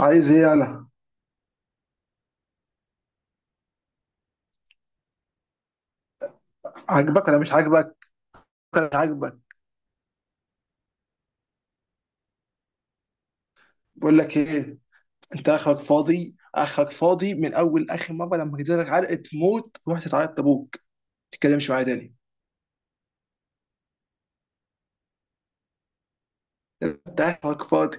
عايز ايه انا؟ عاجبك انا، مش عاجبك؟ انا مش عاجبك. بقول لك ايه، انت اخرك فاضي، اخرك فاضي. من اول اخر مره لما جيت لك علقه موت رحت تعيط لابوك، ما تتكلمش معايا تاني. انت اخرك فاضي،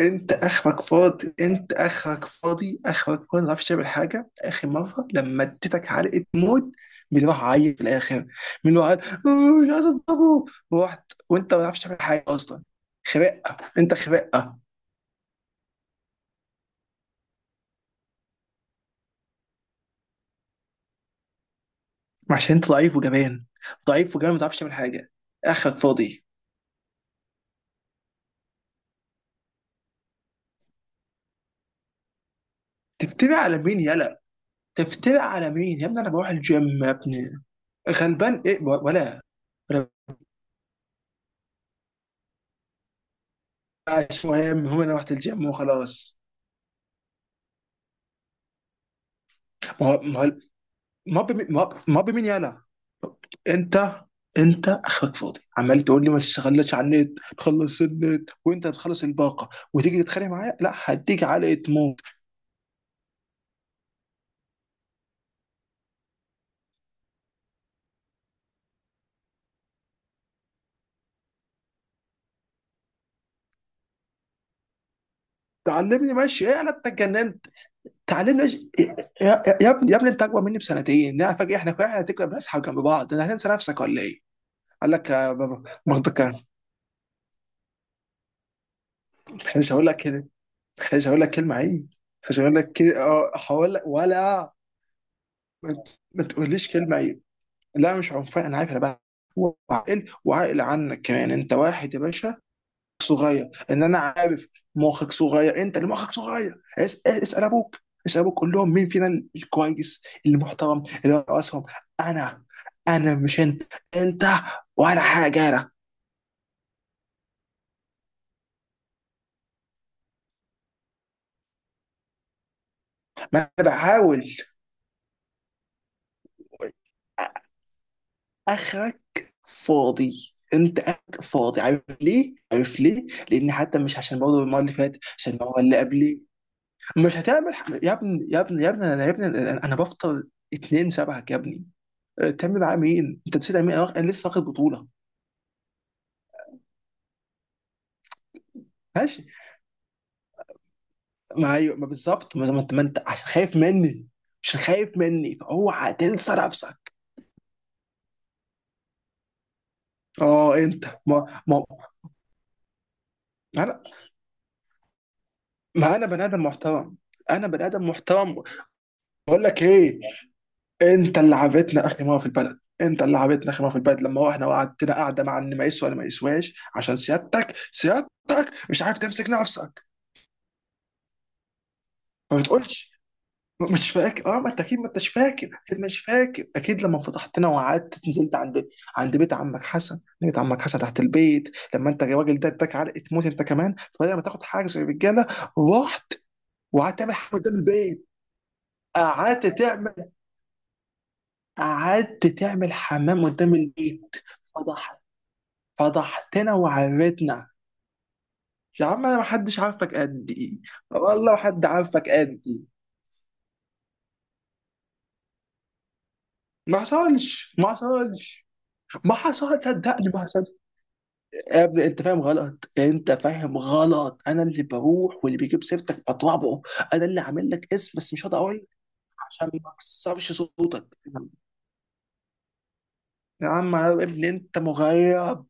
انت اخرك فاضي، انت اخرك فاضي، اخرك فاضي. ما تعرفش تعمل حاجه. اخر مره لما اديتك علقه موت، مين راح عيط في الاخر؟ مين راح عيط؟ "آه، مش عايز اضربه". رحت وانت ما تعرفش تعمل حاجه اصلا. خرقه. انت خرقه. عشان انت ضعيف وجبان. ضعيف وجبان، ما تعرفش تعمل حاجه. اخرك فاضي. تفتري على مين يلا؟ تفتري على مين يا ابني؟ انا بروح الجيم يا ابني. غلبان ايه ولا؟ ولا؟ مش مهم، هو انا رحت الجيم وخلاص. ما هو ما هو- ما هو بمين- ما هو- ما هو بمين يلا؟ انت انت اخرك فاضي، عمال تقول لي ما تشتغلش على النت، تخلص النت وانت بتخلص الباقه وتيجي تتخانق معايا. لا، هديك علقه موت. تعلمني ماشي ايه انا؟ انت اتجننت. تعلمنا إيش- يا يا- يا ابني، يا ابني، انت اكبر مني بسنتين؟ لا فاكر احنا هتكبر بنسحب جنب بعض، انا هتنسى نفسك ولا ايه؟ قال لك يا بابا منطقة. ما تخلينيش اقول لك كده. ما تخلينيش اقول لك كلمة عيب. مش هقول لك كده، اه هقول لك ولا... ما تقوليش كلمة عيب. لا مش عنفان، انا عارف انا بقى، وعاقل عنك كمان. انت واحد يا باشا؟ صغير ان انا؟ مخك صغير، انت اللي مخك صغير. اسال ابوك، اسال ابوك، قول لهم مين فينا الكويس المحترم اللي راسهم. انا. انا مش انت. انت ولا حاجه. انا. ما انا بحاول. اخرك فاضي، انت اخرك فاضي. عارف ليه؟ عارف ليه؟ لان حتى مش عشان برضه المره اللي فاتت، عشان المره اللي قبليه. مش هتعمل يا ابني، يا ابني، يا ابني انا يا ابني انا أنا بفطر اتنين شبهك يا ابني. أه، تعمل معاه مين؟ انت نسيت مين؟ أنا لسه واخد بطوله. ماشي. ما ايوه، ما بالظبط. ما انت، ما انت عشان خايف مني. عشان خايف مني فاوعى تنسى نفسك. اه، انت ما انا، ما انا بني ادم محترم. انا بني ادم محترم. بقول لك ايه، انت اللي عابتنا اخر مره في البلد. انت اللي عابتنا اخر مره في البلد لما احنا قعدتنا قاعده، مع ان ما يسوى ولا ما يسواش، عشان سيادتك، سيادتك مش عارف تمسك نفسك. ما بتقولش. مش فاكر؟ اه، ما انت اكيد ما انتش فاكر، اكيد مش فاكر، اكيد. لما فتحتنا وقعدت نزلت عند بيت عمك حسن، بيت عمك حسن تحت البيت، لما انت الراجل ده اداك علقه موت انت كمان. فبدل ما تاخد حاجه زي الرجاله، رحت وقعدت تعمل حمام قدام البيت. قعدت تعمل، قعدت تعمل حمام قدام البيت. فضح فضحتنا وعرتنا. يا عم، انا ما حدش عارفك قد ايه. والله ما حد عارفك قد ايه. ما حصلش، ما حصلش. ما حصل، صدقني، ما حصل. يا ابني انت فاهم غلط، انت فاهم غلط. انا اللي بروح واللي بيجيب سيرتك بطبعه. انا اللي عامل لك اسم، بس مش هقدر اقول، عشان ما اكسرش صوتك. يا عم، يا ابني انت مغيب.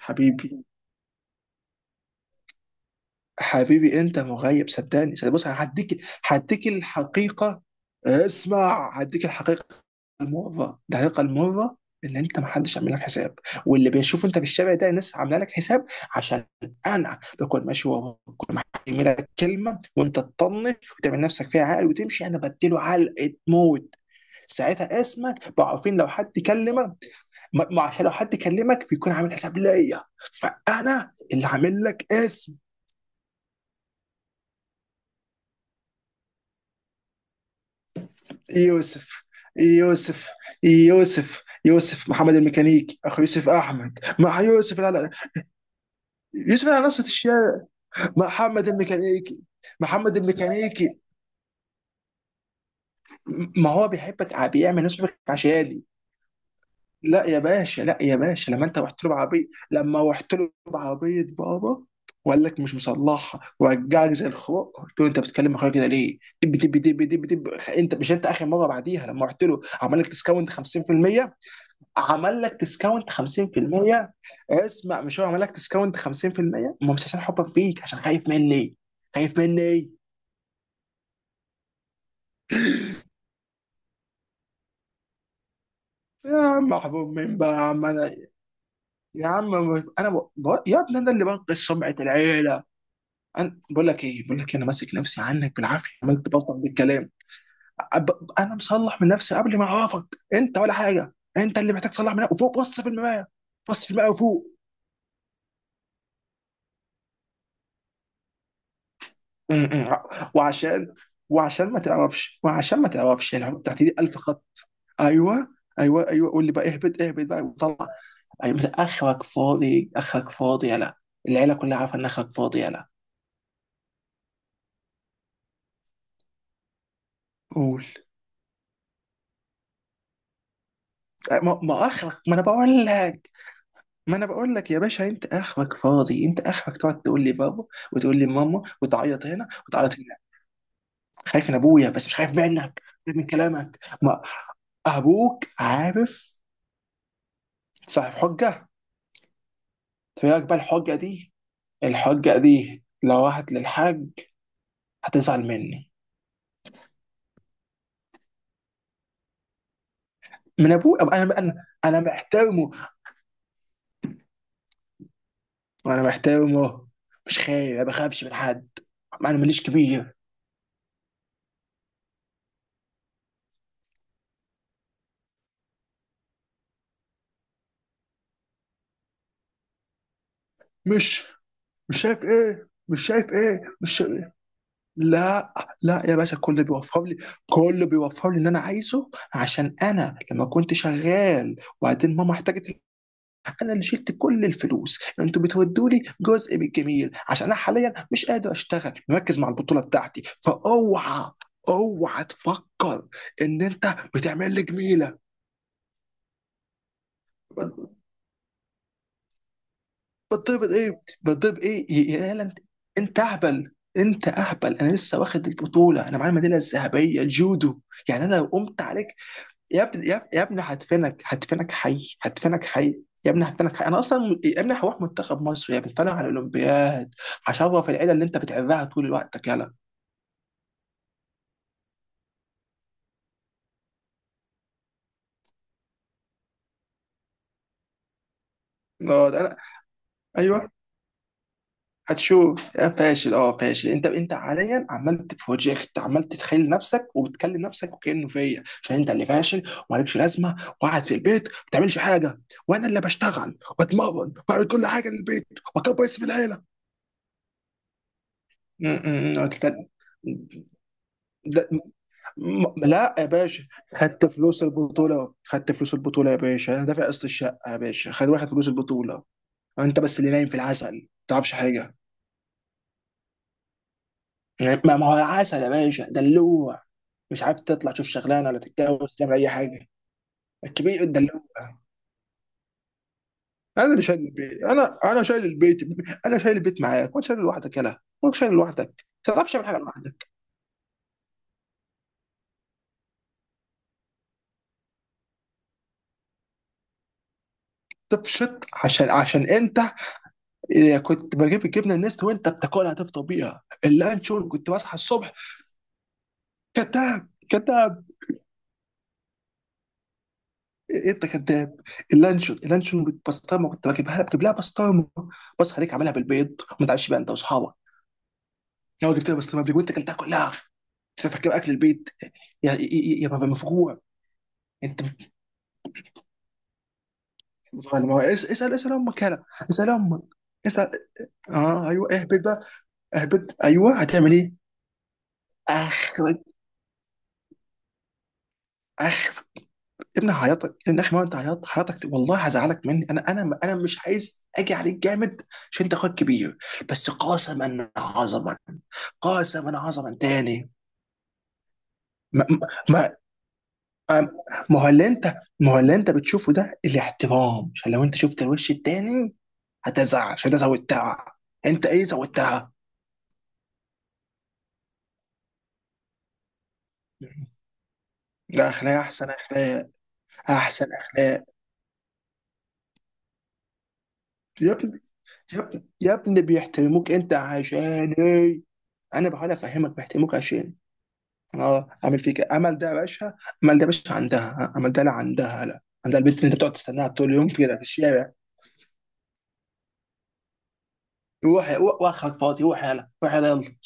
حبيبي، حبيبي انت مغيب. صدقني، بص، هديك... هديك الحقيقه. اسمع، هديك الحقيقه. المره، الحقيقه المره اللي انت... ما حدش عامل لك حساب. واللي بيشوفه انت في الشارع ده، الناس عامله لك حساب عشان انا بكون ماشي وراك، بكون محمل لك كلمه وانت تطنش وتعمل نفسك فيها عقل وتمشي، انا بديله علقه موت. ساعتها اسمك بقوا عارفين. لو حد كلمك، ما عشان لو حد كلمك بيكون عامل حساب ليا، فانا اللي عامل لك اسم. يوسف. يوسف. يوسف، يوسف محمد الميكانيكي، اخو يوسف احمد، مع يوسف، لا لا، يوسف على نص الشارع، محمد الميكانيكي. محمد الميكانيكي. ما هو بيحبك، بيعمل نفسه بيحبك عشاني. لا يا باشا، لا يا باشا، لما انت رحت له بعربيه. لما رحت له بعربيه بابا، وقال لك مش مصلحها، ورجعك زي الخروق، قلت له: انت بتتكلم اخويا كده ليه؟ دب دب دب دب دب. انت مش انت اخر مره بعديها لما رحت له عمل لك ديسكاونت 50%. عمل لك ديسكاونت 50%. اسمع، مش هو عمل لك ديسكاونت 50%؟ ما مش عشان حبك فيك، عشان خايف مني. خايف مني. يا عم محبوب من بقى، يا عم؟ انا يا عم. انا يا ابني انا اللي بنقذ سمعه العيله. انا بقول لك ايه، بقول لك إيه، انا ماسك نفسي عنك بالعافيه، عملت بلطم بالكلام. انا مصلح من نفسي قبل ما اعرفك. انت ولا حاجه. انت اللي محتاج تصلح من نفسك وفوق، بص في المرايه. بص في المرايه وفوق. م- م. وعشان، وعشان ما تعرفش العقد بتاعتي دي 1000. ايوه. ايوه، ايوه، قول لي بقى. اهبط، اهبط بقى وطلع. ايوه، مثلا اخرك فاضي، اخرك فاضي يلا. العيله كلها عارفه ان اخرك فاضي يلا. قول. ما اخرك، ما انا بقول لك، ما انا بقول لك يا باشا، انت اخرك فاضي، انت اخرك تقعد تقول لي بابا وتقول لي ماما، وتعيط هنا وتعيط هنا. خايف من ابويا، بس مش خايف منك. خايف من كلامك، ما ابوك عارف. صاحب حجه. تبقى بقى الحجه دي، الحجه دي لو راحت للحاج، هتزعل مني. من ابوه. انا انا محترمه. انا محترمه. مش خايف، ما بخافش من حد. انا ماليش كبير. مش مش شايف ايه؟ مش شايف ايه؟ مش شايف إيه؟ لا. لا يا باشا، كل بيوفر لي. كل بيوفر لي اللي انا عايزه، عشان انا لما كنت شغال وبعدين ماما احتاجت، انا اللي شلت كل الفلوس. انتوا بتودوا لي جزء من الجميل عشان انا حاليا مش قادر اشتغل، مركز مع البطوله بتاعتي. فاوعى، اوعى تفكر ان انت بتعمل لي جميله. بتضرب ايه؟ بتضرب ايه؟ يا هالاند، انت اهبل. انت اهبل. انا لسه واخد البطوله، انا معايا الميداليه الذهبيه، جودو. يعني انا لو قمت عليك يا ابني... يا ابني، هدفنك، هدفنك حي، هدفنك حي. يا ابني هدفنك حي. انا اصلا يا ابني هروح منتخب مصر يا ابني، طالع على الاولمبياد. هشرف العيله اللي انت بتعبها طول وقتك يلا. اه، ده انا. ايوه. هتشوف يا فاشل. اه فاشل انت. انت حاليا عمال تبروجكت، عمال تتخيل نفسك وبتكلم نفسك وكانه فيا عشان انت اللي فاشل، ومالكش لازمه، وقاعد في البيت ما بتعملش حاجه، وانا اللي بشتغل واتمرن واعمل كل حاجه للبيت واكبر اسم العيله. م- م- لا لا- لا يا باشا. خدت فلوس البطوله، خدت فلوس البطوله يا باشا. انا دافع قسط الشقه يا باشا، خد واخد فلوس البطوله. انت بس اللي نايم في العسل، ما تعرفش حاجه. يعني ما هو العسل يا باشا دلوع. مش عارف تطلع تشوف شغلانه، ولا تتجوز، تعمل اي حاجه. الكبير الدلوع. انا اللي شايل البيت، انا شايل البيت. انا شايل البيت معاك، وانت شايل لوحدك يلا. وانت شايل لوحدك، أنت ما تعرفش تعمل حاجه لوحدك. تفشط عشان انت... كنت بجيب الجبنه النست وانت بتاكلها، تفطر بيها اللانشون. كنت بصحى الصبح. كذاب، كذاب. إيه، إيه انت كذاب. اللانشون، اللانشون بالبسطرمه كنت بجيبها لك، بجيب لها بسطرمه. بصحى عليك عاملها بالبيض. ما تعرفش بقى انت واصحابك. هو جبتها، بس لما وانت اكلتها كلها. فاكر اكل البيت. يا يا بابا مفجوع. انت ظالم. هو اسال، اسال امك هلا. اسال امك. اسال. اه، ايوه، اهبط بقى. اهبط، ايوه هتعمل ايه؟ اخرج. اخرج. يا ابني هعيطك يا ابني اخي، ما انت عيطت حياتك والله، هزعلك مني. انا مش عايز اجي عليك جامد عشان انت اخوك كبير، بس قاسما عظما. قاسما عظما تاني. ما, ما, أم- ما هو اللي انت... ما هو اللي انت بتشوفه ده الاحترام؟ عشان لو انت شفت الوش التاني هتزعل. عشان ده زودتها. انت ايه زودتها؟ ده اخلاق، احسن اخلاق. احسن اخلاق. يا ابني، يا ابني، يا ابني بيحترموك انت عشان ايه؟ انا بحاول افهمك بيحترموك عشان... اه، اعمل فيك إيه؟ امل ده يا باشا، امل ده يا باشا. عندها اه، امل ده؟ لا عندها، لا عندها البنت اللي انت بتقعد تستناها طول اليوم كده في الشارع. روح، روح واخرك فاضي، روح يلا، روح يلا.